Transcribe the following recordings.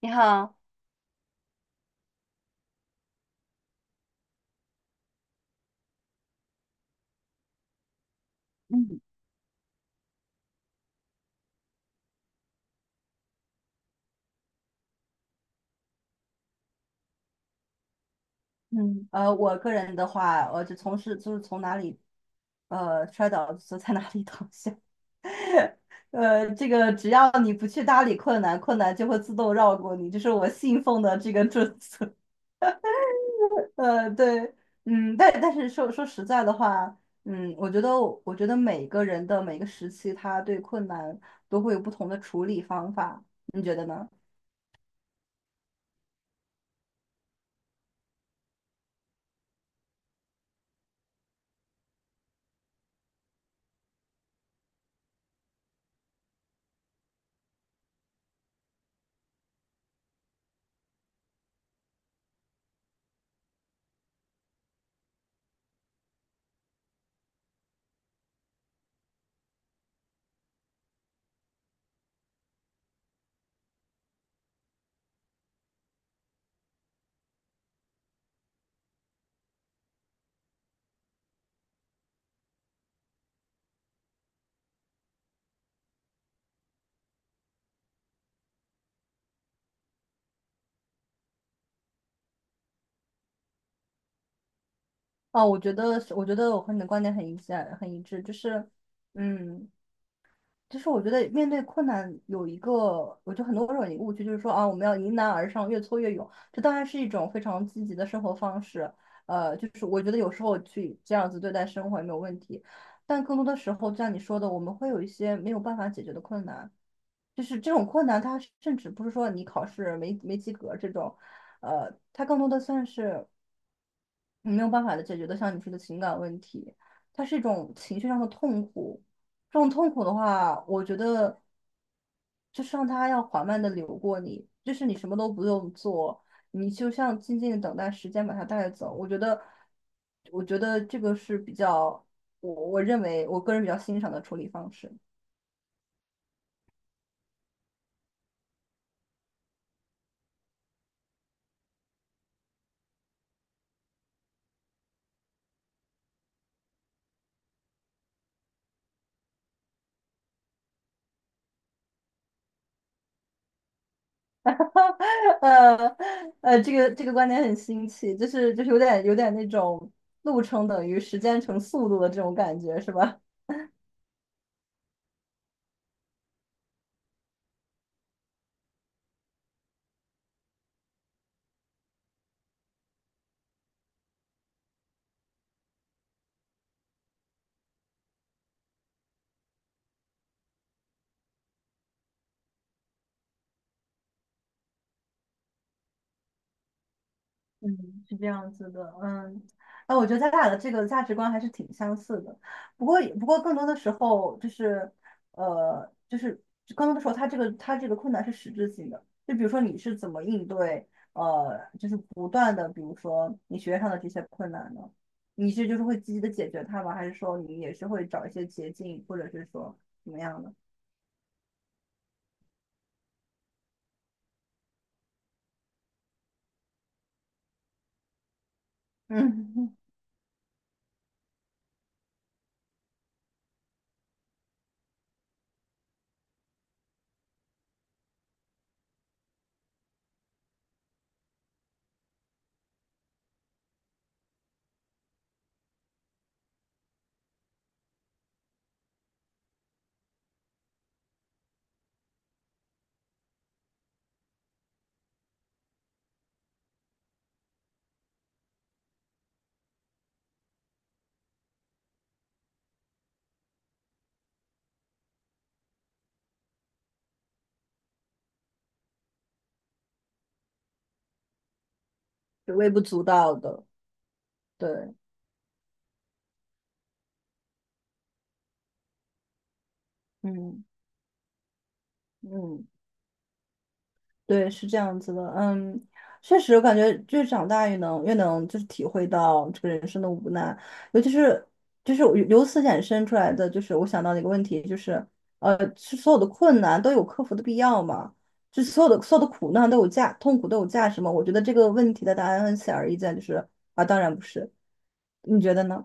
你好。嗯嗯，我个人的话，我就从事就是从哪里，摔倒就在哪里躺下。这个只要你不去搭理困难，困难就会自动绕过你，就是我信奉的这个准则。呃，对。嗯，但是说实在的话，嗯，我觉得每个人的每个时期，他对困难都会有不同的处理方法，你觉得呢？哦，我觉得是，我觉得我和你的观点很一致，很一致，就是，嗯。就是我觉得面对困难有一个，我觉得很多时候一个误区，就是说啊，我们要迎难而上，越挫越勇。这当然是一种非常积极的生活方式。就是我觉得有时候去这样子对待生活也没有问题，但更多的时候，就像你说的，我们会有一些没有办法解决的困难，就是这种困难，它甚至不是说你考试没及格这种，呃，它更多的算是你没有办法的解决的，像你说的情感问题，它是一种情绪上的痛苦。这种痛苦的话，我觉得。就是让它要缓慢的流过你，就是你什么都不用做，你就像静静的等待时间把它带走。我觉得，我觉得这个是比较，我认为我个人比较欣赏的处理方式。呃这个观点很新奇，就是有点那种路程等于时间乘速度的这种感觉，是吧？嗯，是这样子的，嗯，那我觉得咱俩的这个价值观还是挺相似的，不过更多的时候就是，就是更多的时候，他这个困难是实质性的，就比如说你是怎么应对，呃，就是不断的，比如说你学业上的这些困难呢，你是就是会积极的解决它吗？还是说你也是会找一些捷径，或者是说怎么样的？嗯，是微不足道的，对，嗯嗯。对，是这样子的，嗯，确实我感觉越长大越能就是体会到这个人生的无奈，尤其是就是由此衍生出来的，就是我想到的一个问题，就是呃，是所有的困难都有克服的必要吗？就所有的苦难都有价，痛苦都有价值吗？我觉得这个问题的答案很显而易见，就是啊，当然不是，你觉得呢？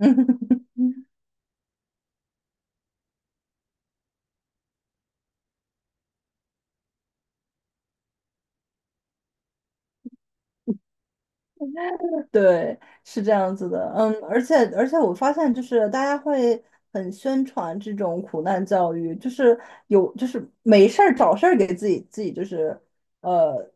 对，是这样子的，嗯，而且我发现就是大家会很宣传这种苦难教育，就是有就是没事儿找事儿给自己就是呃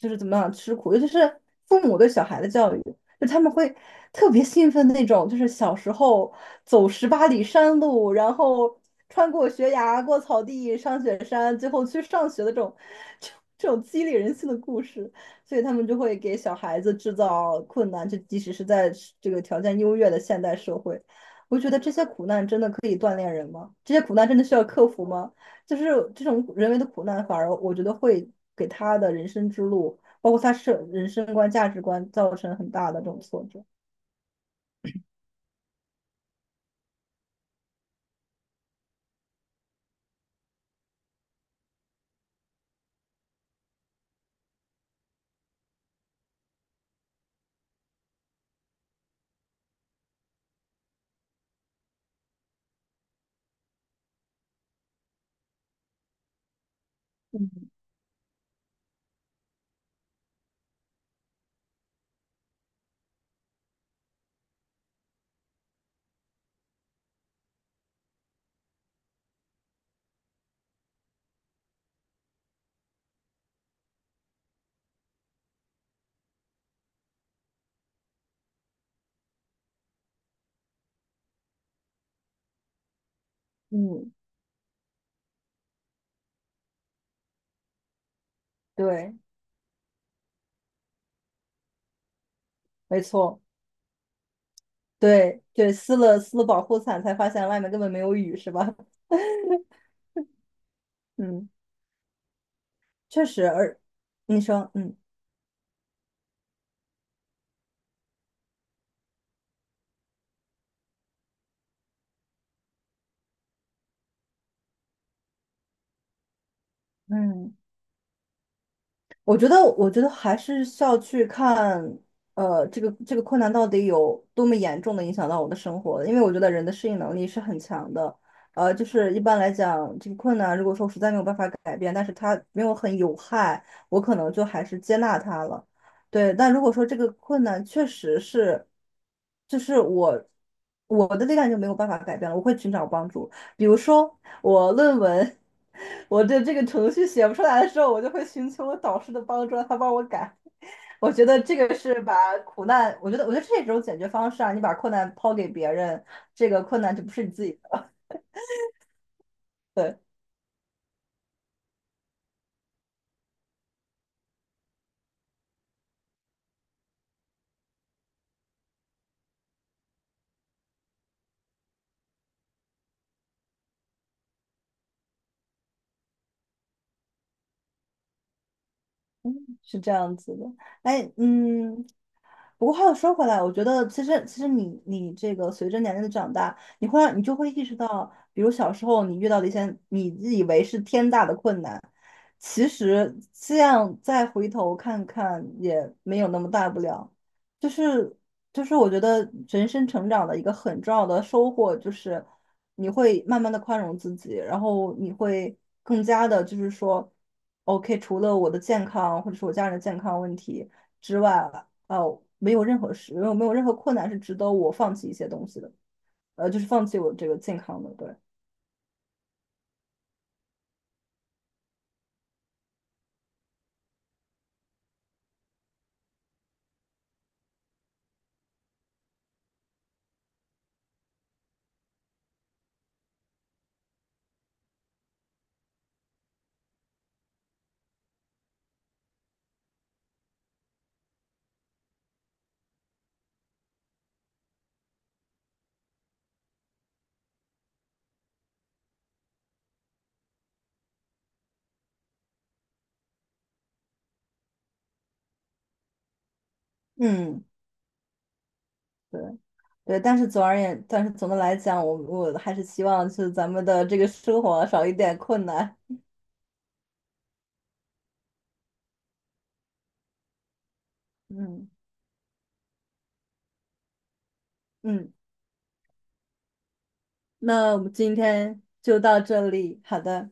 就是怎么样吃苦，尤其是父母对小孩的教育，就他们会特别兴奋那种，就是小时候走十八里山路，然后穿过悬崖、过草地、上雪山，最后去上学的这种 这种激励人心的故事。所以他们就会给小孩子制造困难，就即使是在这个条件优越的现代社会，我觉得这些苦难真的可以锻炼人吗？这些苦难真的需要克服吗？就是这种人为的苦难，反而我觉得会给他的人生之路，包括他是人生观、价值观，造成很大的这种挫折。嗯嗯，对，没错，对对，撕了保护伞，才发现外面根本没有雨，是吧？嗯，确实，而你说，嗯。嗯。我觉得，我觉得还是需要去看，呃，这个困难到底有多么严重的影响到我的生活，因为我觉得人的适应能力是很强的，呃，就是一般来讲，这个困难如果说实在没有办法改变，但是它没有很有害，我可能就还是接纳它了，对。但如果说这个困难确实是，就是我的力量就没有办法改变了，我会寻找帮助，比如说。我论文，我对这个程序写不出来的时候，我就会寻求我导师的帮助，让他帮我改。我觉得这个是把苦难，我觉得我觉得这种解决方式啊，你把困难抛给别人，这个困难就不是你自己的，对，嗯，是这样子的。哎，嗯，不过话又说回来，我觉得其实你这个随着年龄的长大，你会让你就会意识到，比如小时候你遇到的一些你自以为是天大的困难，其实这样再回头看看也没有那么大不了。就是就是我觉得人生成长的一个很重要的收获就是你会慢慢的宽容自己，然后你会更加的就是说，OK,除了我的健康或者是我家人的健康问题。之外，呃，没有任何事，没有任何困难是值得我放弃一些东西的，呃，就是放弃我这个健康的，对，嗯，对，对，但是总而言，但是总的来讲，我还是希望就是咱们的这个生活少一点困难，嗯嗯，那我们今天就到这里，好的。